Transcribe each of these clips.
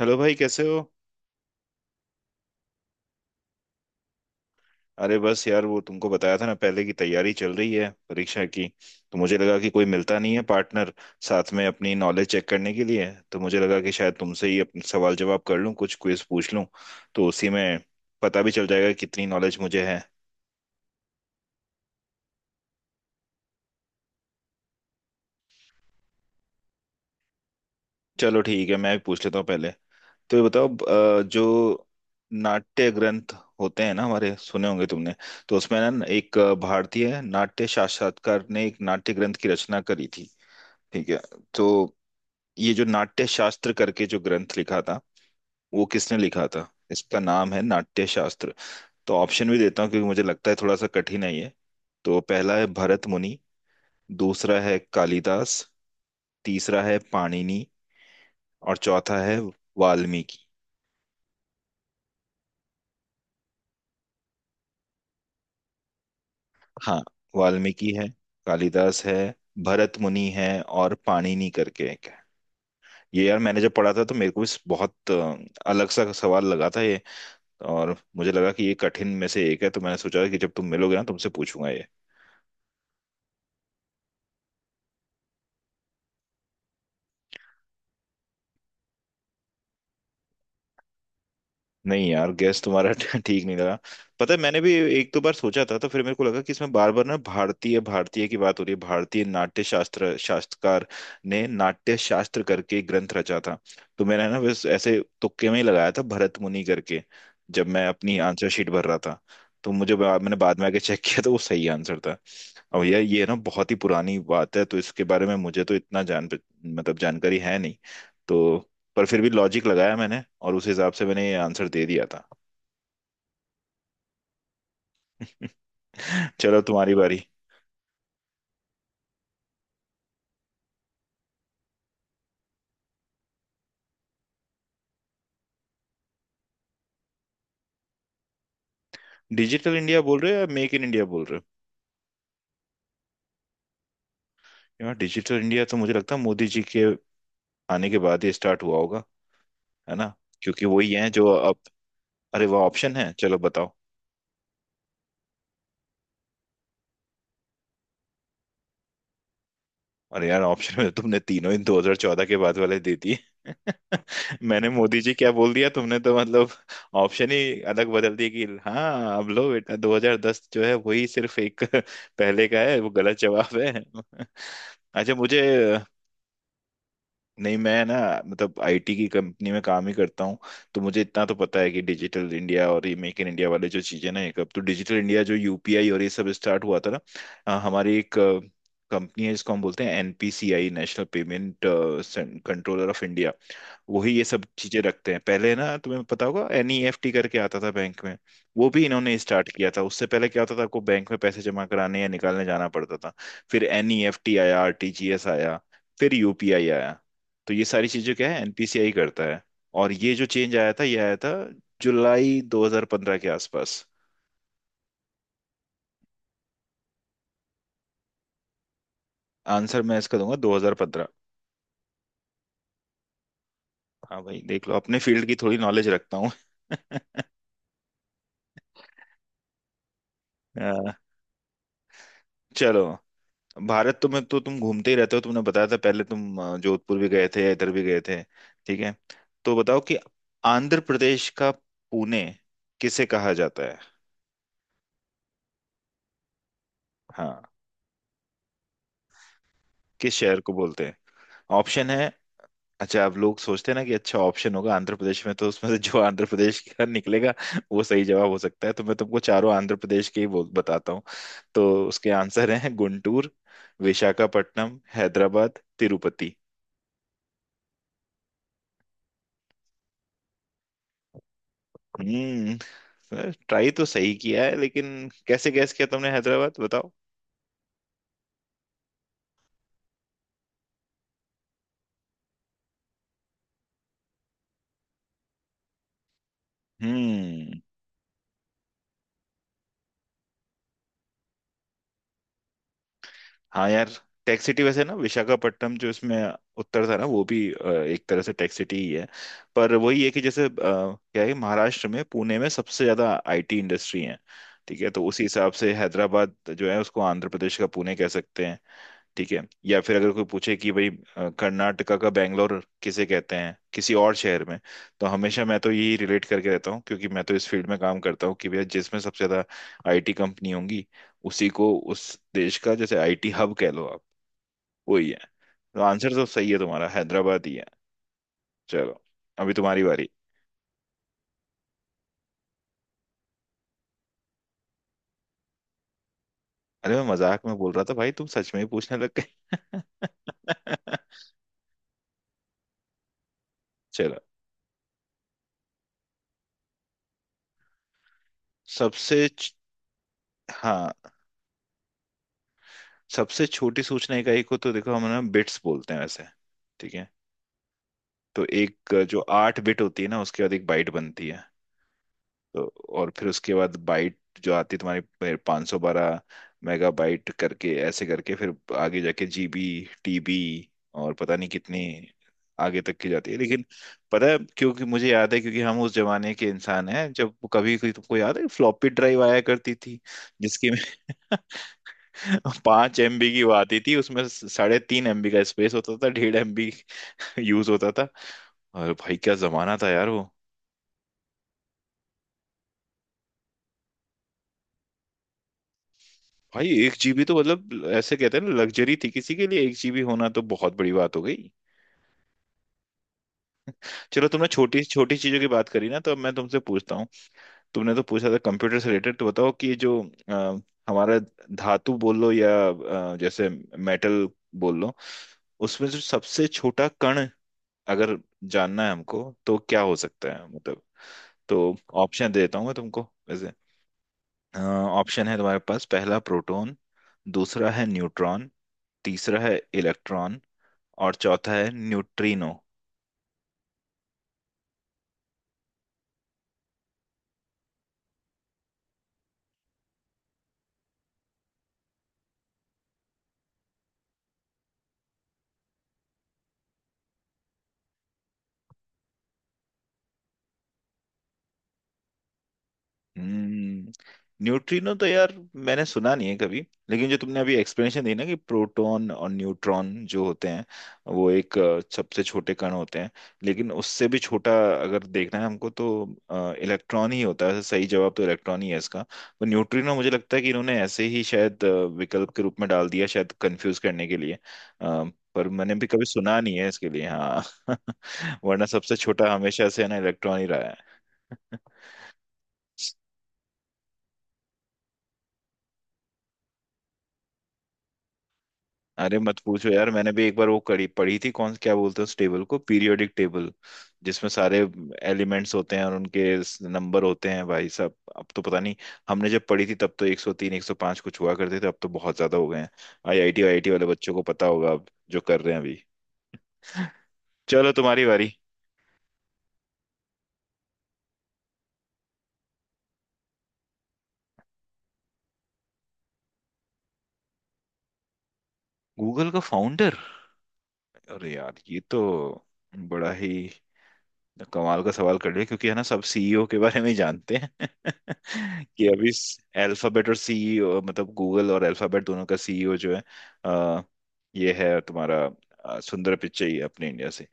Hello भाई, कैसे हो। अरे बस यार, वो तुमको बताया था ना, पहले की तैयारी चल रही है परीक्षा की। तो मुझे लगा कि कोई मिलता नहीं है पार्टनर साथ में अपनी नॉलेज चेक करने के लिए। तो मुझे लगा कि शायद तुमसे ही अपने सवाल जवाब कर लूं, कुछ क्विज पूछ लूं, तो उसी में पता भी चल जाएगा कितनी नॉलेज मुझे है। चलो ठीक है, मैं भी पूछ लेता हूँ पहले। तो ये बताओ जो नाट्य ग्रंथ होते हैं ना, हमारे, सुने होंगे तुमने। तो उसमें ना एक भारतीय नाट्य साक्षात्कार ने एक नाट्य ग्रंथ की रचना करी थी, ठीक है। तो ये जो नाट्य शास्त्र करके जो ग्रंथ लिखा था, वो किसने लिखा था? इसका नाम है नाट्य शास्त्र। तो ऑप्शन भी देता हूँ क्योंकि मुझे लगता है थोड़ा सा कठिन है ये। तो पहला है भरत मुनि, दूसरा है कालिदास, तीसरा है पाणिनि, और चौथा है वाल्मीकि। हाँ, वाल्मीकि है, कालिदास है, भरत मुनि है, और पाणिनि करके एक है। ये यार, मैंने जब पढ़ा था तो मेरे को इस बहुत अलग सा सवाल लगा था ये। और मुझे लगा कि ये कठिन में से एक है, तो मैंने सोचा कि जब तुम मिलोगे ना तुमसे पूछूंगा ये। नहीं यार, गैस तुम्हारा ठीक नहीं लगा। पता है, मैंने भी एक दो बार सोचा था, तो फिर मेरे को लगा कि इसमें बार बार ना भारतीय भारतीय की बात हो रही है, भारतीय नाट्य शास्त्र शास्त्रकार ने नाट्य शास्त्र करके एक ग्रंथ रचा था। तो मैंने ना बस ऐसे तुक्के में ही लगाया था भरत मुनि करके। जब मैं अपनी आंसर शीट भर रहा था, तो मुझे मैंने बाद में आके चेक किया तो वो सही आंसर था। और यार ये ना बहुत ही पुरानी बात है, तो इसके बारे में मुझे तो इतना जान, मतलब जानकारी है नहीं। तो पर फिर भी लॉजिक लगाया मैंने, और उस हिसाब से मैंने ये आंसर दे दिया था। चलो तुम्हारी बारी। डिजिटल इंडिया बोल रहे हो या मेक इन इंडिया बोल रहे? हो यार, डिजिटल इंडिया तो मुझे लगता है मोदी जी के आने के बाद ही स्टार्ट हुआ होगा, है ना? क्योंकि वही है जो अब। अरे वह ऑप्शन है, चलो बताओ। और यार ऑप्शन में तुमने तीनों इन 2014 के बाद वाले दे दिए। मैंने मोदी जी क्या बोल दिया, तुमने तो मतलब ऑप्शन ही अलग बदल दिए कि हाँ अब लो बेटा, 2010 जो है वही सिर्फ एक पहले का है, वो गलत जवाब है। अच्छा, मुझे नहीं। मैं ना, मतलब आईटी की कंपनी में काम ही करता हूँ, तो मुझे इतना तो पता है कि डिजिटल इंडिया और ये मेक इन इंडिया वाले जो चीजें ना, एक अब तो डिजिटल इंडिया जो यूपीआई और ये सब स्टार्ट हुआ था ना, हमारी एक कंपनी है जिसको हम बोलते हैं NPCI, national payment controller of India. वही ये सब चीजें रखते हैं। पहले ना तुम्हें पता होगा एनईएफटी करके आता था बैंक में, वो भी इन्होंने स्टार्ट किया था। उससे पहले क्या होता था, आपको बैंक में पैसे जमा कराने या निकालने जाना पड़ता था। फिर एनईएफटी आया, आरटीजीएस आया, फिर यूपीआई आया। तो ये सारी चीजें क्या है, एनपीसीआई करता है। और ये जो चेंज आया था ये आया था जुलाई 2015 के आसपास। आंसर मैं इसका दूंगा 2015। हाँ भाई, देख लो, अपने फील्ड की थोड़ी नॉलेज रखता हूँ। अ, चलो। भारत तो, में तो तुम घूमते ही रहते हो, तुमने बताया था पहले तुम जोधपुर भी गए थे या इधर भी गए थे, ठीक है। तो बताओ कि आंध्र प्रदेश का पुणे किसे कहा जाता है? हाँ, किस शहर को बोलते हैं? ऑप्शन है। अच्छा, अब लोग सोचते हैं ना कि अच्छा, ऑप्शन होगा आंध्र प्रदेश में तो उसमें से जो आंध्र प्रदेश का निकलेगा वो सही जवाब हो सकता है, तो मैं तुमको चारों आंध्र प्रदेश के ही बोल बताता हूँ। तो उसके आंसर हैं गुंटूर, विशाखापट्टनम, हैदराबाद, तिरुपति। हम्म। ट्राई तो सही किया है, लेकिन कैसे गैस किया तुमने हैदराबाद, बताओ। हम्म। हाँ यार, टेक सिटी वैसे ना विशाखापट्टनम, जो इसमें उत्तर था ना, वो भी एक तरह से टेक सिटी ही है। पर वही है कि जैसे क्या है, महाराष्ट्र में पुणे में सबसे ज्यादा आईटी इंडस्ट्री है, ठीक है, तो उसी हिसाब से हैदराबाद जो है उसको आंध्र प्रदेश का पुणे कह सकते हैं, ठीक है। या फिर अगर कोई पूछे कि भाई कर्नाटका का बैंगलोर किसे कहते हैं किसी और शहर में, तो हमेशा मैं तो यही रिलेट करके रहता हूँ क्योंकि मैं तो इस फील्ड में काम करता हूँ कि भैया, जिसमें सबसे ज्यादा आईटी कंपनी होंगी उसी को उस देश का जैसे आईटी हब कह लो आप। वही है। तो आंसर तो सही है तुम्हारा, हैदराबाद ही है। चलो, अभी तुम्हारी बारी। अरे मैं मजाक में बोल रहा था भाई, तुम सच में ही पूछने लग गए। चलो। सबसे हाँ, सबसे छोटी सूचना इकाई को तो देखो हम ना बिट्स बोलते हैं वैसे, ठीक है। तो एक जो आठ बिट होती है ना, उसके बाद एक बाइट बनती है। तो और फिर उसके बाद बाइट जो आती है तुम्हारी, पाँच सौ बारह मेगा बाइट करके, ऐसे करके फिर आगे जाके जीबी, टीबी, और पता नहीं कितनी आगे तक की जाती है, लेकिन पता है क्योंकि मुझे याद है, क्योंकि हम उस जमाने के इंसान हैं जब कभी कोई, तुमको याद है फ्लॉपी ड्राइव आया करती थी, जिसकी में पांच एमबी की वो आती थी, उसमें साढ़े तीन एमबी का स्पेस होता था, डेढ़ एमबी यूज होता था। और भाई क्या जमाना था यार वो। भाई एक जीबी तो, मतलब ऐसे कहते हैं ना लग्जरी थी, किसी के लिए एक जीबी होना तो बहुत बड़ी बात हो गई। चलो, तुमने छोटी छोटी चीजों की बात करी ना, तो अब मैं तुमसे पूछता हूँ। तुमने तो पूछा था कंप्यूटर से रिलेटेड, तो बताओ कि जो अ, हमारा धातु बोल लो या जैसे मेटल बोल लो, उसमें जो सबसे छोटा कण अगर जानना है हमको तो क्या हो सकता है, मतलब। तो ऑप्शन दे देता हूँ मैं तुमको वैसे। ऑप्शन है तुम्हारे पास, पहला प्रोटॉन, दूसरा है न्यूट्रॉन, तीसरा है इलेक्ट्रॉन, और चौथा है न्यूट्रिनो। हम्म। न्यूट्रिनो तो यार मैंने सुना नहीं है कभी। लेकिन जो तुमने अभी एक्सप्लेनेशन दी ना, कि प्रोटॉन और न्यूट्रॉन जो होते हैं वो एक सबसे छोटे कण होते हैं, लेकिन उससे भी छोटा अगर देखना है हमको तो इलेक्ट्रॉन ही होता है। सही जवाब तो इलेक्ट्रॉन ही है इसका। तो न्यूट्रिनो मुझे लगता है कि इन्होंने ऐसे ही शायद विकल्प के रूप में डाल दिया, शायद कंफ्यूज करने के लिए। अ, पर मैंने भी कभी सुना नहीं है इसके लिए, हाँ, वरना सबसे छोटा हमेशा से है ना इलेक्ट्रॉन ही रहा है। अरे मत पूछो यार, मैंने भी एक बार वो कड़ी पढ़ी थी, कौन क्या बोलते हैं उस टेबल को, पीरियोडिक टेबल, जिसमें सारे एलिमेंट्स होते हैं और उनके नंबर होते हैं। भाई साहब, अब तो पता नहीं, हमने जब पढ़ी थी तब तो 103 105 कुछ हुआ करते थे, अब तो बहुत ज्यादा हो गए हैं। आईआईटी आईआईटी वाले बच्चों को पता होगा, अब जो कर रहे हैं अभी। चलो तुम्हारी बारी। गूगल का फाउंडर, अरे यार, ये तो बड़ा ही कमाल का सवाल कर लिया, क्योंकि है ना, सब सीईओ के बारे में ही जानते हैं। कि अभी अल्फाबेट, और सीईओ मतलब गूगल और अल्फाबेट दोनों का सीईओ जो है अ, ये है तुम्हारा सुंदर पिचाई, अपने इंडिया से।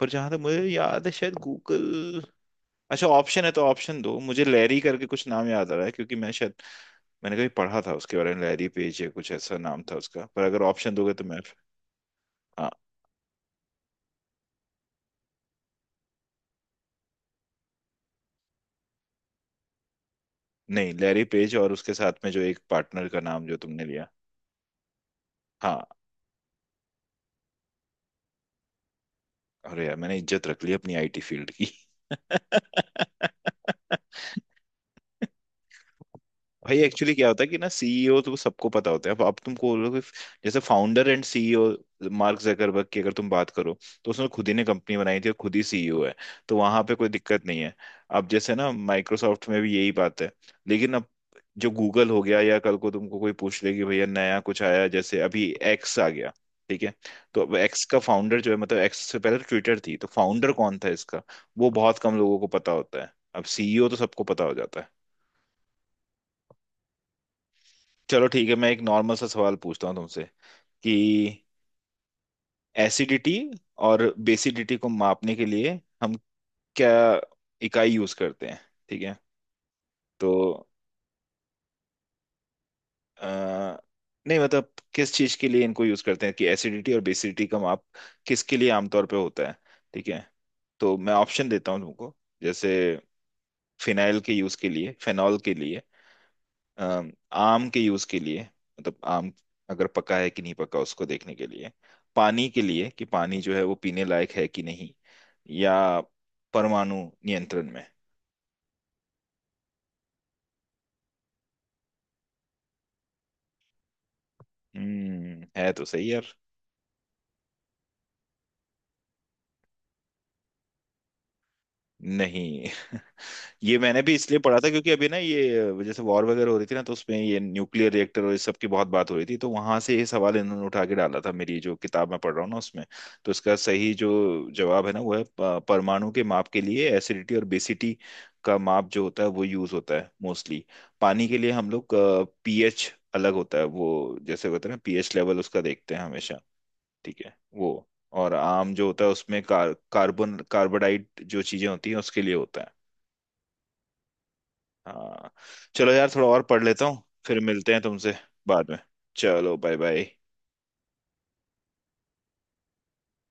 पर जहां तक मुझे याद है शायद गूगल, अच्छा ऑप्शन है तो ऑप्शन दो मुझे, लैरी करके कुछ नाम याद आ रहा है क्योंकि मैं शायद, मैंने कभी पढ़ा था उसके बारे में, लैरी पेज या कुछ ऐसा नाम था उसका, पर अगर ऑप्शन दोगे तो मैं। हाँ, नहीं लैरी पेज, और उसके साथ में जो एक पार्टनर का नाम जो तुमने लिया। हाँ। अरे यार मैंने इज्जत रख ली अपनी आईटी फील्ड की। भाई एक्चुअली क्या होता है कि ना, सीईओ तो सबको पता होता है अब तुमको बोलोगे जैसे founder and CEO, Mark Zuckerberg की अगर तुम बात करो, तो उसने खुद ही ने कंपनी बनाई थी और खुद ही सीईओ है, तो वहां पे कोई दिक्कत नहीं है। अब जैसे ना माइक्रोसॉफ्ट में भी यही बात है। लेकिन अब जो गूगल हो गया, या कल को तुमको कोई पूछ ले कि भैया नया कुछ आया, जैसे अभी एक्स आ गया, ठीक है, तो अब एक्स का फाउंडर जो है, मतलब एक्स से पहले ट्विटर थी, तो फाउंडर कौन था इसका, वो बहुत कम लोगों को पता होता है। अब सीईओ तो सबको पता हो जाता है। चलो ठीक है, मैं एक नॉर्मल सा सवाल पूछता हूँ तुमसे, कि एसिडिटी और बेसिडिटी को मापने के लिए हम क्या इकाई यूज करते हैं, ठीक है। तो अ, नहीं, मतलब किस चीज के लिए इनको यूज करते हैं, कि एसिडिटी और बेसिडिटी का माप किसके लिए आमतौर पे होता है, ठीक है। तो मैं ऑप्शन देता हूँ तुमको, जैसे फिनाइल के यूज के लिए, फेनॉल के लिए, आम के यूज के लिए, मतलब आम अगर पका है कि नहीं पका उसको देखने के लिए, पानी के लिए कि पानी जो है वो पीने लायक है कि नहीं, या परमाणु नियंत्रण में। हम्म, है तो सही यार। नहीं, ये मैंने भी इसलिए पढ़ा था क्योंकि अभी ना, ये जैसे वॉर वगैरह हो रही थी ना, तो उसमें ये न्यूक्लियर रिएक्टर और इस सब की बहुत बात हो रही थी, तो वहां से ये सवाल इन्होंने उठा के डाला था मेरी जो किताब मैं पढ़ रहा हूँ ना उसमें। तो इसका सही जो जवाब है ना वो है परमाणु के माप के लिए। एसिडिटी और बेसिटी का माप जो होता है वो यूज होता है मोस्टली। पानी के लिए हम लोग, पीएच अलग होता है, वो जैसे होता है ना पीएच लेवल उसका देखते हैं हमेशा, ठीक है वो। और आम जो होता है उसमें कार्बन कार्बोडाइट जो चीजें होती हैं उसके लिए होता है। हाँ। चलो यार, थोड़ा और पढ़ लेता हूँ, फिर मिलते हैं तुमसे बाद में। चलो, बाय बाय।